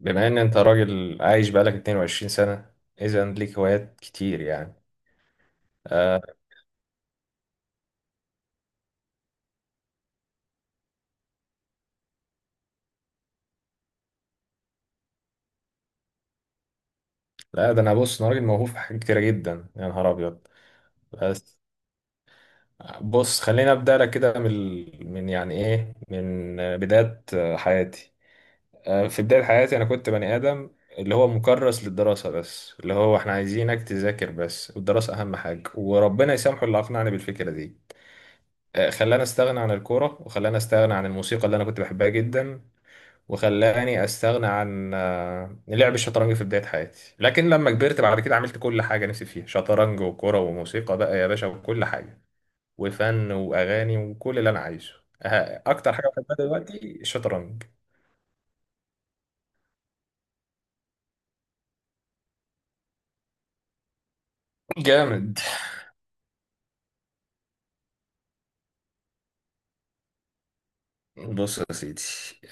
بما ان انت راجل عايش بقالك 22 سنة، اذا ليك هوايات كتير يعني. آه لا، ده انا بص، انا راجل موهوب في حاجات كتيرة جدا يا نهار ابيض. بس بص، خليني ابدا لك كده من يعني ايه، من بداية حياتي. آه في بداية حياتي، انا كنت بني ادم اللي هو مكرس للدراسة بس، اللي هو احنا عايزينك تذاكر بس والدراسة اهم حاجة، وربنا يسامحه اللي اقنعني بالفكرة دي. خلاني استغنى عن الكورة، وخلاني استغنى عن الموسيقى اللي انا كنت بحبها جدا، وخلاني استغنى عن لعب الشطرنج في بداية حياتي. لكن لما كبرت بعد كده، عملت كل حاجة نفسي فيها: شطرنج وكرة وموسيقى بقى يا باشا وكل حاجة، وفن واغاني وكل اللي انا عايزه. اكتر حاجة بحبها دلوقتي الشطرنج. جامد. بص يا سيدي،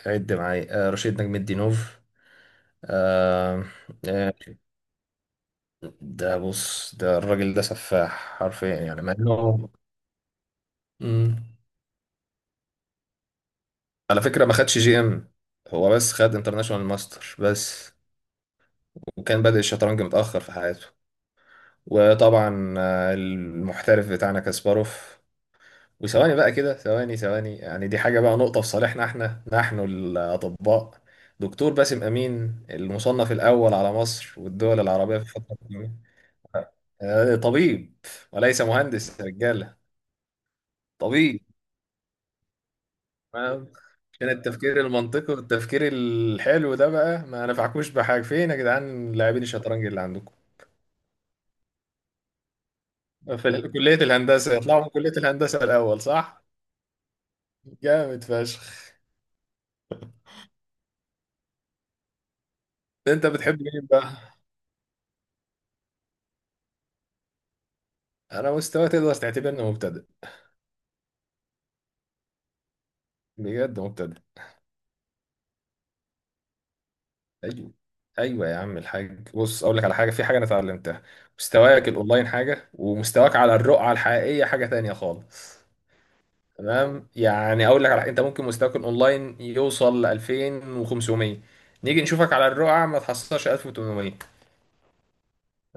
عد معايا رشيد نجم الدين نوف. آه، آه، ده بص، ده الراجل ده سفاح حرفيا، يعني مع انه مم. على فكرة ما خدش جي ام، هو بس خد انترناشونال ماستر بس، وكان بادئ الشطرنج متأخر في حياته. وطبعا المحترف بتاعنا كاسباروف. وثواني بقى كده، ثواني ثواني، يعني دي حاجة بقى، نقطة في صالحنا احنا نحن الأطباء. دكتور باسم أمين، المصنف الأول على مصر والدول العربية في الفترة الأخيرة، طبيب وليس مهندس يا رجالة. طبيب، فاهم؟ عشان التفكير المنطقي والتفكير الحلو ده بقى، ما نفعكوش بحاجة فين يا جدعان لاعبين الشطرنج اللي عندكم في كلية الهندسة؟ يطلعوا من كلية الهندسة الأول صح؟ جامد فشخ. أنت بتحب مين بقى؟ أنا مستوى تقدر تعتبرني مبتدئ، بجد مبتدئ. أيوه، أيوه يا عم الحاج، بص أقول لك على حاجة، في حاجة أنا اتعلمتها: مستواك الأونلاين حاجة، ومستواك على الرقعة الحقيقية حاجة تانية خالص. تمام؟ يعني أقول لك على حاجة، أنت ممكن مستواك الأونلاين يوصل ل 2500، نيجي نشوفك على الرقعة ما تحصلش 1800.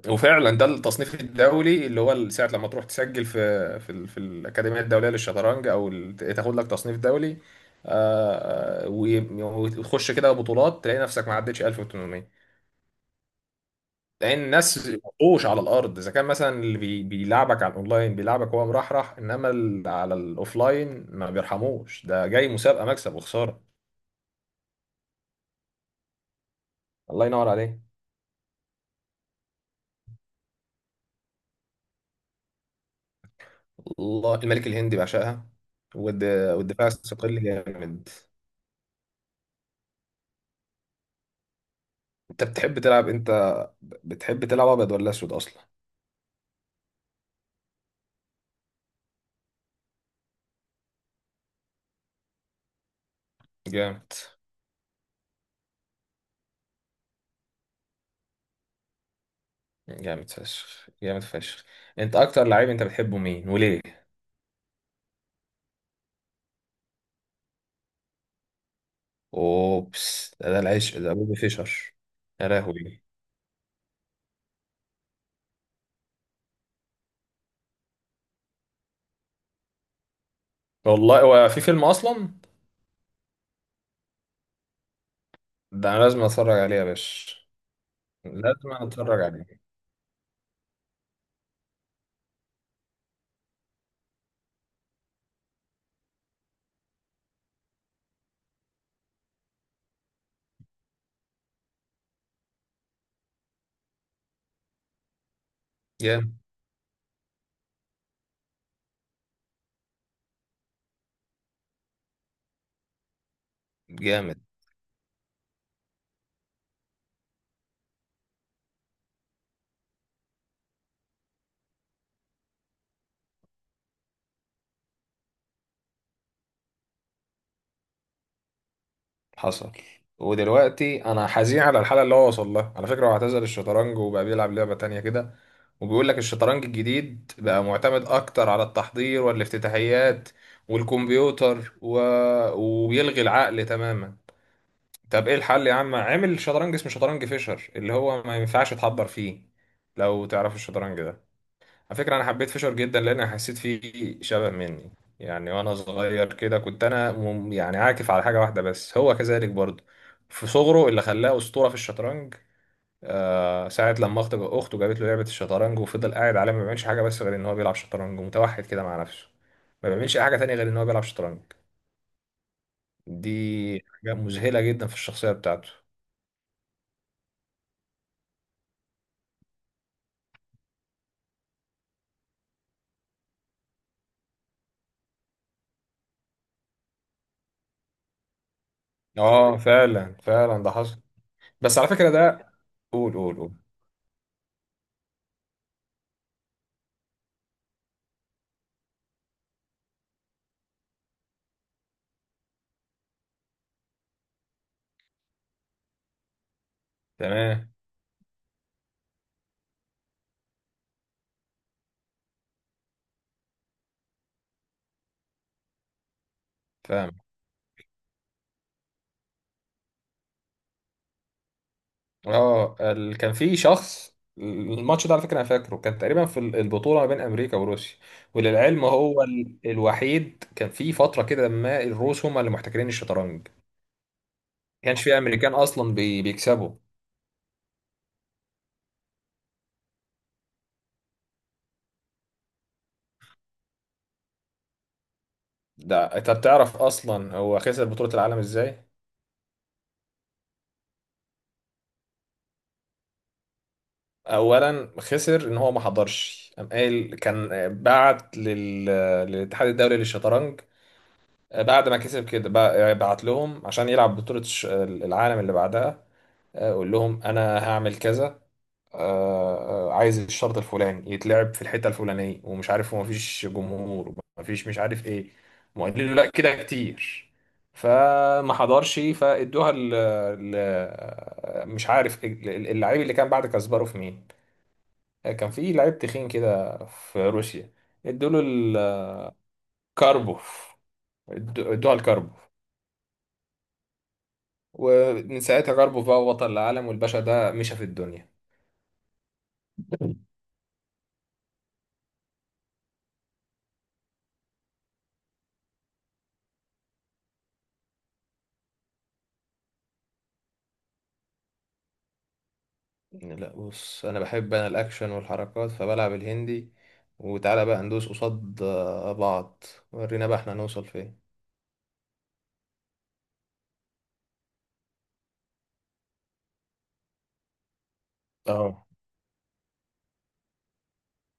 وفعلا ده التصنيف الدولي، اللي هو ساعة لما تروح تسجل في في الأكاديمية الدولية للشطرنج، أو تاخد لك تصنيف دولي، وتخش كده بطولات، تلاقي نفسك ما عدتش 1800، لأن الناس وحوش على الأرض. إذا كان مثلا اللي بيلعبك على الأونلاين بيلعبك هو مرحرح، إنما على الأوفلاين ما بيرحموش، ده جاي مسابقة مكسب وخسارة. الله ينور عليه. الله، الملك الهندي بعشقها، والد- والدفاع الثقيل جامد. انت بتحب تلعب انت، بتحب تلعب ابيض ولا اسود اصلا؟ جامد. جامد فشخ، جامد فشخ. انت اكتر لعيب انت بتحبه مين وليه؟ اوبس، ده العشق ده، بوبي فيشر. يا لهوي، والله هو في فيلم اصلا؟ ده انا لازم اتفرج عليه يا باشا، لازم اتفرج عليه. جامد، جامد. حصل. ودلوقتي انا حزين على الحاله اللي هو وصل لها، على فكره هو اعتزل الشطرنج وبقى بيلعب لعبه تانية كده، وبيقول لك الشطرنج الجديد بقى معتمد اكتر على التحضير والافتتاحيات والكمبيوتر، وبيلغي العقل تماما. طب ايه الحل؟ يا عم عامل شطرنج اسمه شطرنج فيشر اللي هو ما ينفعش تحضر فيه، لو تعرف الشطرنج ده. على فكرة أنا حبيت فيشر جدا لأن حسيت فيه شبه مني. يعني وأنا صغير كده كنت أنا يعني عاكف على حاجة واحدة بس، هو كذلك برضه في صغره، اللي خلاه أسطورة في الشطرنج. آه ساعة لما أخته جابت له لعبة الشطرنج، وفضل قاعد عليها ما بيعملش حاجة بس، غير إن هو بيلعب شطرنج ومتوحد كده مع نفسه، ما بيعملش أي حاجة تانية غير إن هو بيلعب شطرنج. دي حاجة مذهلة جدا في الشخصية بتاعته. آه فعلا فعلا، ده حصل. بس على فكرة ده، قول قول قول. تمام، فاهم. اه كان في شخص، الماتش ده على فكره انا فاكره كان تقريبا في البطوله ما بين امريكا وروسيا. وللعلم هو الوحيد، كان في فتره كده ما الروس هم اللي محتكرين الشطرنج، ما كانش في امريكان اصلا بيكسبوا. ده انت بتعرف اصلا هو خسر بطوله العالم ازاي؟ اولا خسر ان هو ما حضرش. قام قايل، كان بعت للاتحاد الدولي للشطرنج بعد ما كسب كده، بعت لهم عشان يلعب بطوله العالم اللي بعدها، اقول لهم انا هعمل كذا، عايز الشرط الفلاني يتلعب في الحته الفلانيه، ومش عارف هو مفيش جمهور ومفيش مش عارف ايه. وقال له لا كده كتير، فما حضرش، فادوها ال، مش عارف اللعيب اللي كان بعد كاسباروف مين، كان في لعيب تخين كده في روسيا، ادوا له، الكاربوف، ادوها الكاربوف. ومن ساعتها كاربوف بقى بطل العالم، والباشا ده مشى في الدنيا. لا بص، انا بحب انا الاكشن والحركات، فبلعب الهندي. وتعالى بقى ندوس قصاد بعض، ورينا بقى احنا هنوصل فين. اه،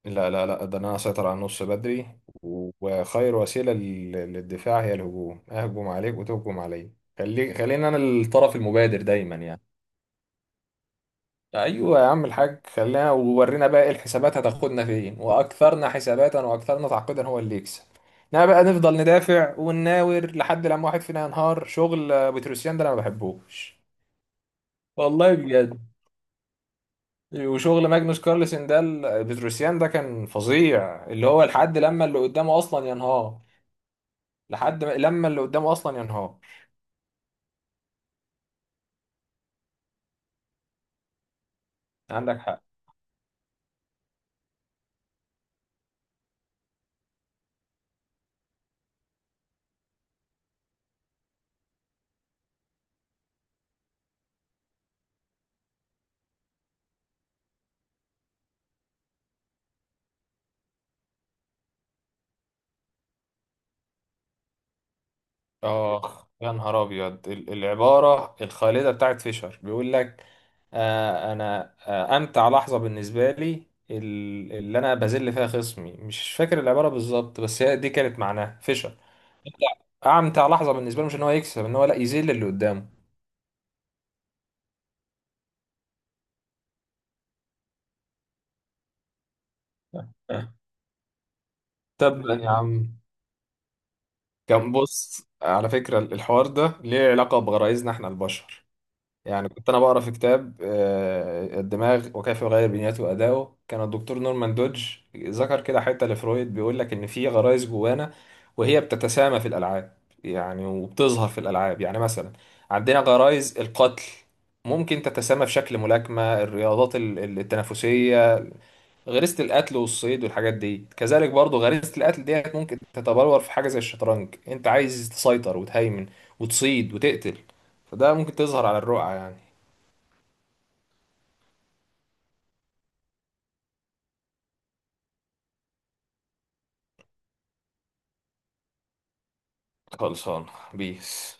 لا لا لا، ده انا اسيطر على النص بدري، وخير وسيله للدفاع هي الهجوم، اهجم عليك وتهجم عليا. خلينا انا الطرف المبادر دايما يعني. ايوه يا عم الحاج، خلينا، وورينا بقى ايه، الحسابات هتاخدنا فين، واكثرنا حساباتا واكثرنا تعقيدا هو اللي يكسب. انما بقى نفضل ندافع ونناور لحد لما واحد فينا ينهار، شغل بتروسيان ده انا ما بحبوش، والله بجد. وشغل ماجنوس كارلسن ده، بتروسيان ده كان فظيع، اللي هو لحد لما اللي قدامه اصلا ينهار، لحد لما اللي قدامه اصلا ينهار. عندك حق. آخ يا نهار أبيض، العبارة الخالدة بتاعت فيشر، بيقول لك أنا أمتع لحظة بالنسبة لي اللي أنا بذل فيها خصمي، مش فاكر العبارة بالظبط بس هي دي كانت معناها فيشر. أمتع لحظة بالنسبة له، مش إن هو يكسب، إن هو لا يذل اللي قدامه. طب يا عم، كان بص على فكرة، الحوار ده ليه علاقة بغرائزنا إحنا البشر. يعني كنت انا بقرا في كتاب الدماغ وكيف يغير بنيته وادائه، كان الدكتور نورمان دودج ذكر كده حته لفرويد، بيقول لك ان في غرايز جوانا، وهي بتتسامى في الالعاب، يعني وبتظهر في الالعاب. يعني مثلا عندنا غرايز القتل، ممكن تتسامى في شكل ملاكمه، الرياضات التنافسيه، غريزه القتل والصيد والحاجات دي. كذلك برضو غريزه القتل ديت ممكن تتبلور في حاجه زي الشطرنج، انت عايز تسيطر وتهيمن وتصيد وتقتل، فده ممكن تظهر على الرقعه يعني. خلصان، بيس.